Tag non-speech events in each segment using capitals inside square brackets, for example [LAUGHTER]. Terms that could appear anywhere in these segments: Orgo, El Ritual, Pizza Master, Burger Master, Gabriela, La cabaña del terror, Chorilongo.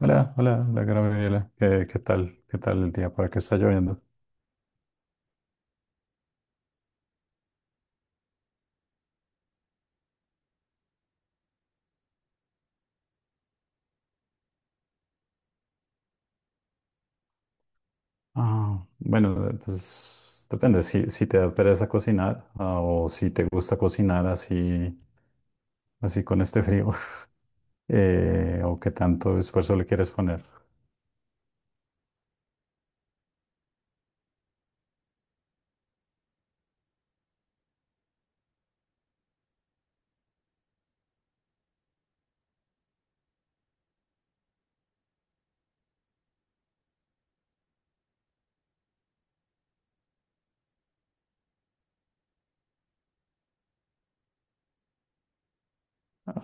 Hola, hola, hola, Gabriela. ¿Qué tal? ¿Qué tal el día? ¿Para qué está lloviendo? Ah, bueno, pues depende. Si te da pereza cocinar o si te gusta cocinar así, así con este frío [LAUGHS] o qué tanto esfuerzo le quieres poner.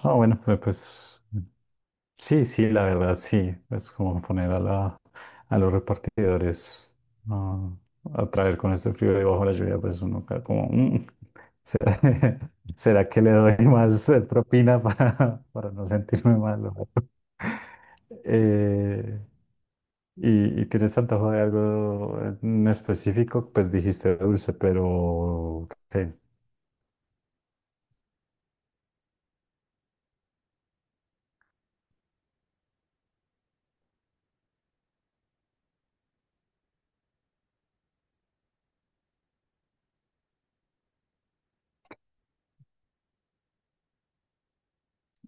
Ah, bueno, sí, sí, la verdad, sí. Es como poner a a los repartidores ah, a traer con este frío y bajo la lluvia, pues uno cae como, "Mm, ¿será, [LAUGHS] será que le doy más propina para, [LAUGHS] para no sentirme malo? Eh, y tienes antojo de algo en específico, pues dijiste dulce, pero ¿qué?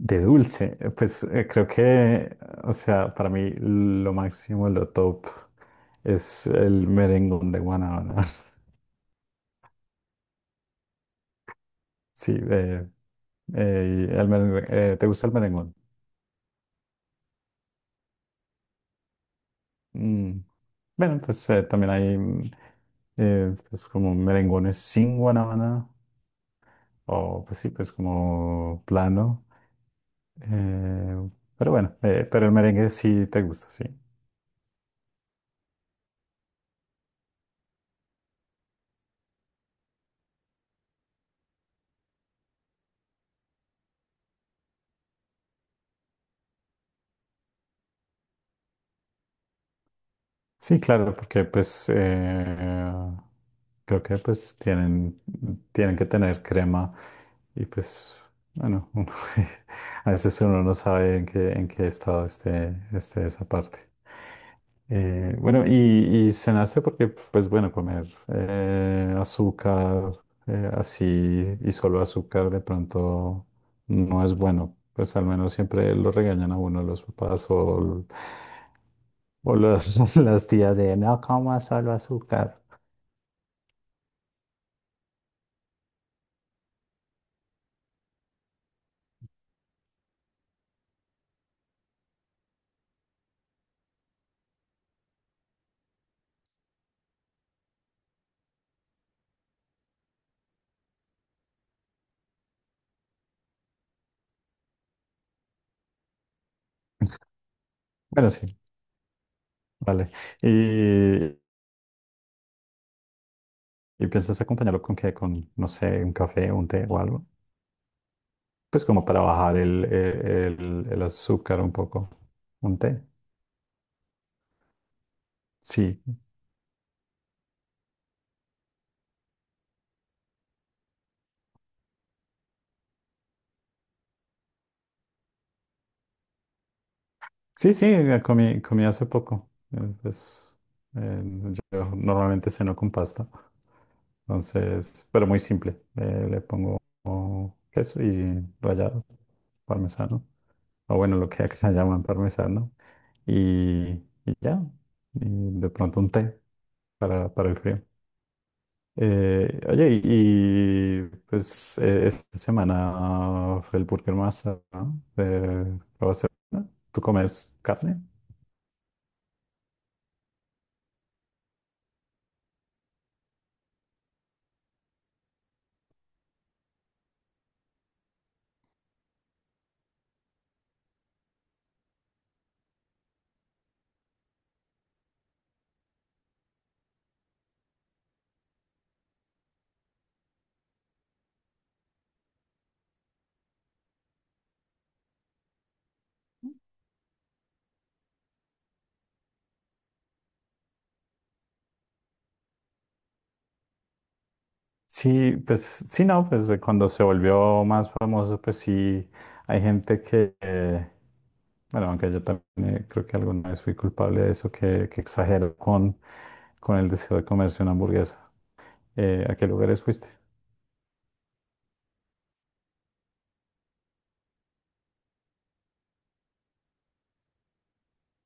De dulce, pues creo que, o sea, para mí lo máximo, lo top es el merengón de guanábana. [LAUGHS] Sí, el ¿te gusta el merengón? Mm, bueno, pues también hay pues, como merengones sin guanábana, o pues sí, pues como plano. Eh, pero bueno, pero el merengue sí te gusta, sí. Sí, claro, porque pues creo que pues tienen, tienen que tener crema y pues bueno, uno [LAUGHS] a veces uno no sabe en qué estado esté, esté esa parte. Bueno, y cenaste porque pues bueno, comer azúcar así y solo azúcar de pronto no es bueno. Pues al menos siempre lo regañan a uno los papás o, [LAUGHS] las tías de no comas solo azúcar. Bueno, sí, vale. ¿Y, ¿y piensas acompañarlo con qué? Con, no sé, un café, un té o algo. Pues como para bajar el azúcar un poco. ¿Un té? Sí. Sí, sí, comí hace poco. Pues, eh, yo normalmente ceno con pasta. Entonces, pero muy simple. Le pongo queso y rallado, parmesano. O bueno, lo que acá [LAUGHS] llaman parmesano. Y, y ya. Y de pronto un té para el frío. Oye, y pues esta semana fue el Burger Master, ¿no? ¿Lo vas a hacer? ¿Tú comes carne? Sí, pues sí, no, pues cuando se volvió más famoso, pues sí, hay gente que, bueno, aunque yo también creo que alguna vez fui culpable de eso, que exagero con el deseo de comerse una hamburguesa. ¿A qué lugares fuiste?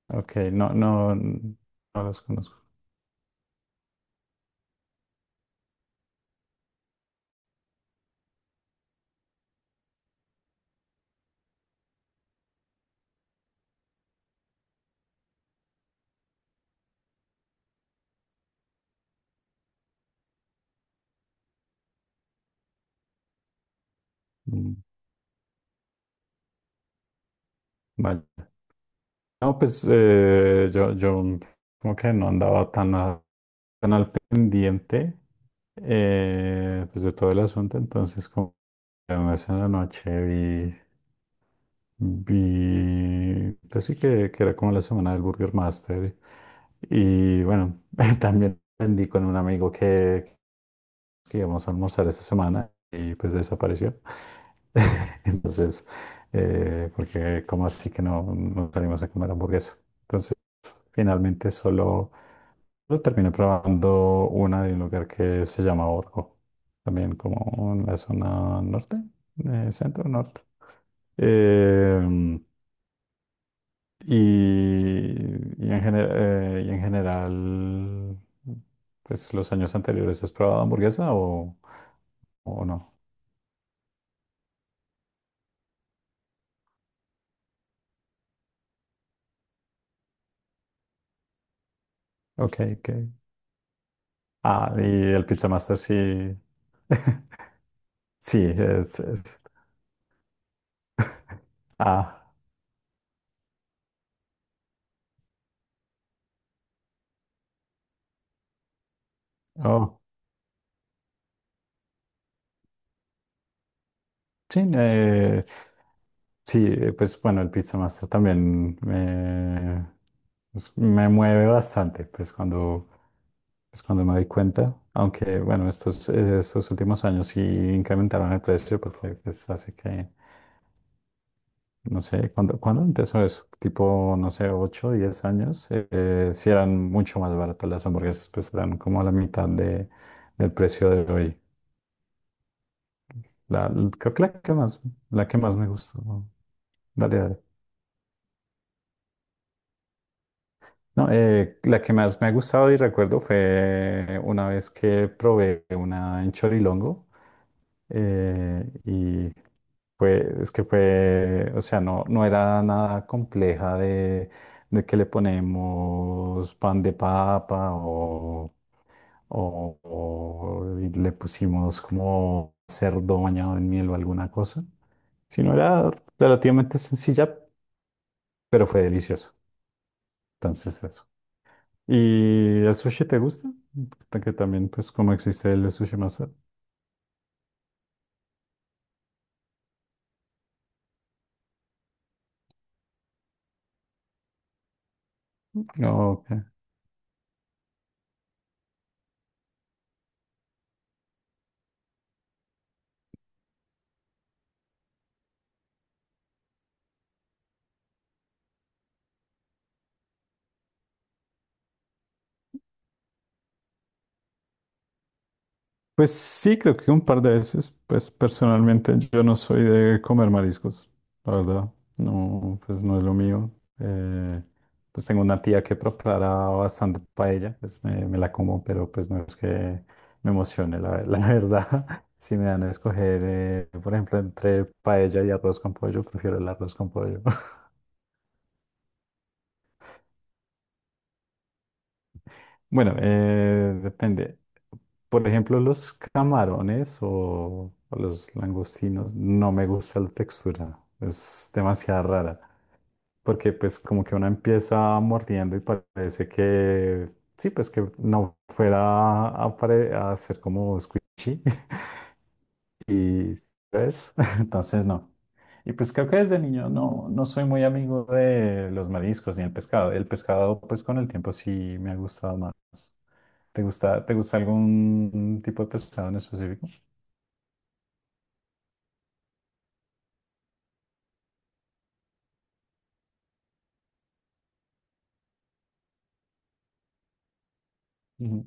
Ok, no, no, no los conozco. Mm, vale. No, pues yo como que no andaba tan, tan al pendiente pues de todo el asunto, entonces como que una vez en la noche vi, vi, pues sí que era como la semana del Burger Master y bueno, [LAUGHS] también aprendí con un amigo que íbamos a almorzar esta semana y pues desapareció. [LAUGHS] Entonces, porque como así que no, no salimos a comer hamburguesa. Entonces, finalmente solo, solo terminé probando una de un lugar que se llama Orgo, también como en la zona norte, centro norte. Em, y, y en y en general, pues los años anteriores, ¿has probado hamburguesa o no? Ok, ok. Ah, y el Pizza Master sí. [LAUGHS] Sí, es, ah, oh, sí, sí, pues bueno, el Pizza Master también me, me mueve bastante, pues cuando me doy cuenta. Aunque bueno, estos, estos últimos años sí incrementaron el precio porque pues hace que. No sé, ¿cuándo empezó eso? Tipo, no sé, 8 a 10 años. Sí eran mucho más baratas las hamburguesas, pues eran como a la mitad de, del precio de hoy. La, creo que la que más me gustó. ¿No? Dale, dale. No, la que más me ha gustado y recuerdo fue una vez que probé una en Chorilongo y fue, es que fue, o sea, no, no era nada compleja de que le ponemos pan de papa o, o le pusimos como cerdo bañado en miel o alguna cosa, sino era relativamente sencilla, pero fue delicioso. Entonces, eso. ¿Y el sushi te gusta? Que también, pues, como existe el sushi masa. Ok. Pues sí, creo que un par de veces. Pues personalmente yo no soy de comer mariscos, la verdad. No, pues no es lo mío. Eh, pues tengo una tía que prepara bastante paella, pues me la como, pero pues no es que me emocione, la [LAUGHS] verdad. Si me dan a escoger, por ejemplo, entre paella y arroz con pollo, prefiero el arroz con pollo. [LAUGHS] Bueno, depende. Por ejemplo, los camarones o los langostinos, no me gusta la textura, es demasiado rara, porque pues como que uno empieza mordiendo y parece que, sí, pues que no fuera a, a ser como squishy [LAUGHS] y pues, [LAUGHS] entonces no. Y pues creo que desde niño no, no soy muy amigo de los mariscos ni el pescado. El pescado pues con el tiempo sí me ha gustado más. Te gusta algún tipo de pescado en específico? Ujú.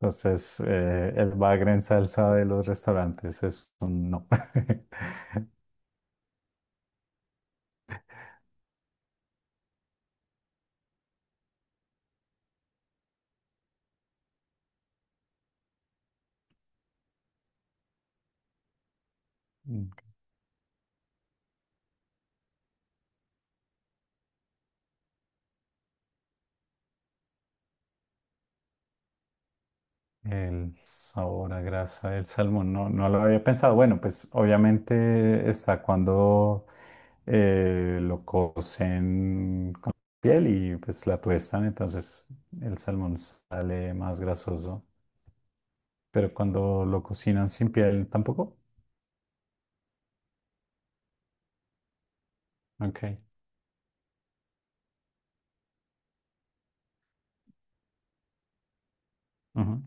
Entonces, el bagre en salsa de los restaurantes es un no. [LAUGHS] El sabor a grasa del salmón, no, no lo había pensado. Bueno, pues obviamente está cuando lo cocen con piel y pues la tuestan, entonces el salmón sale más grasoso. Pero cuando lo cocinan sin piel, tampoco. Ok. Ujú.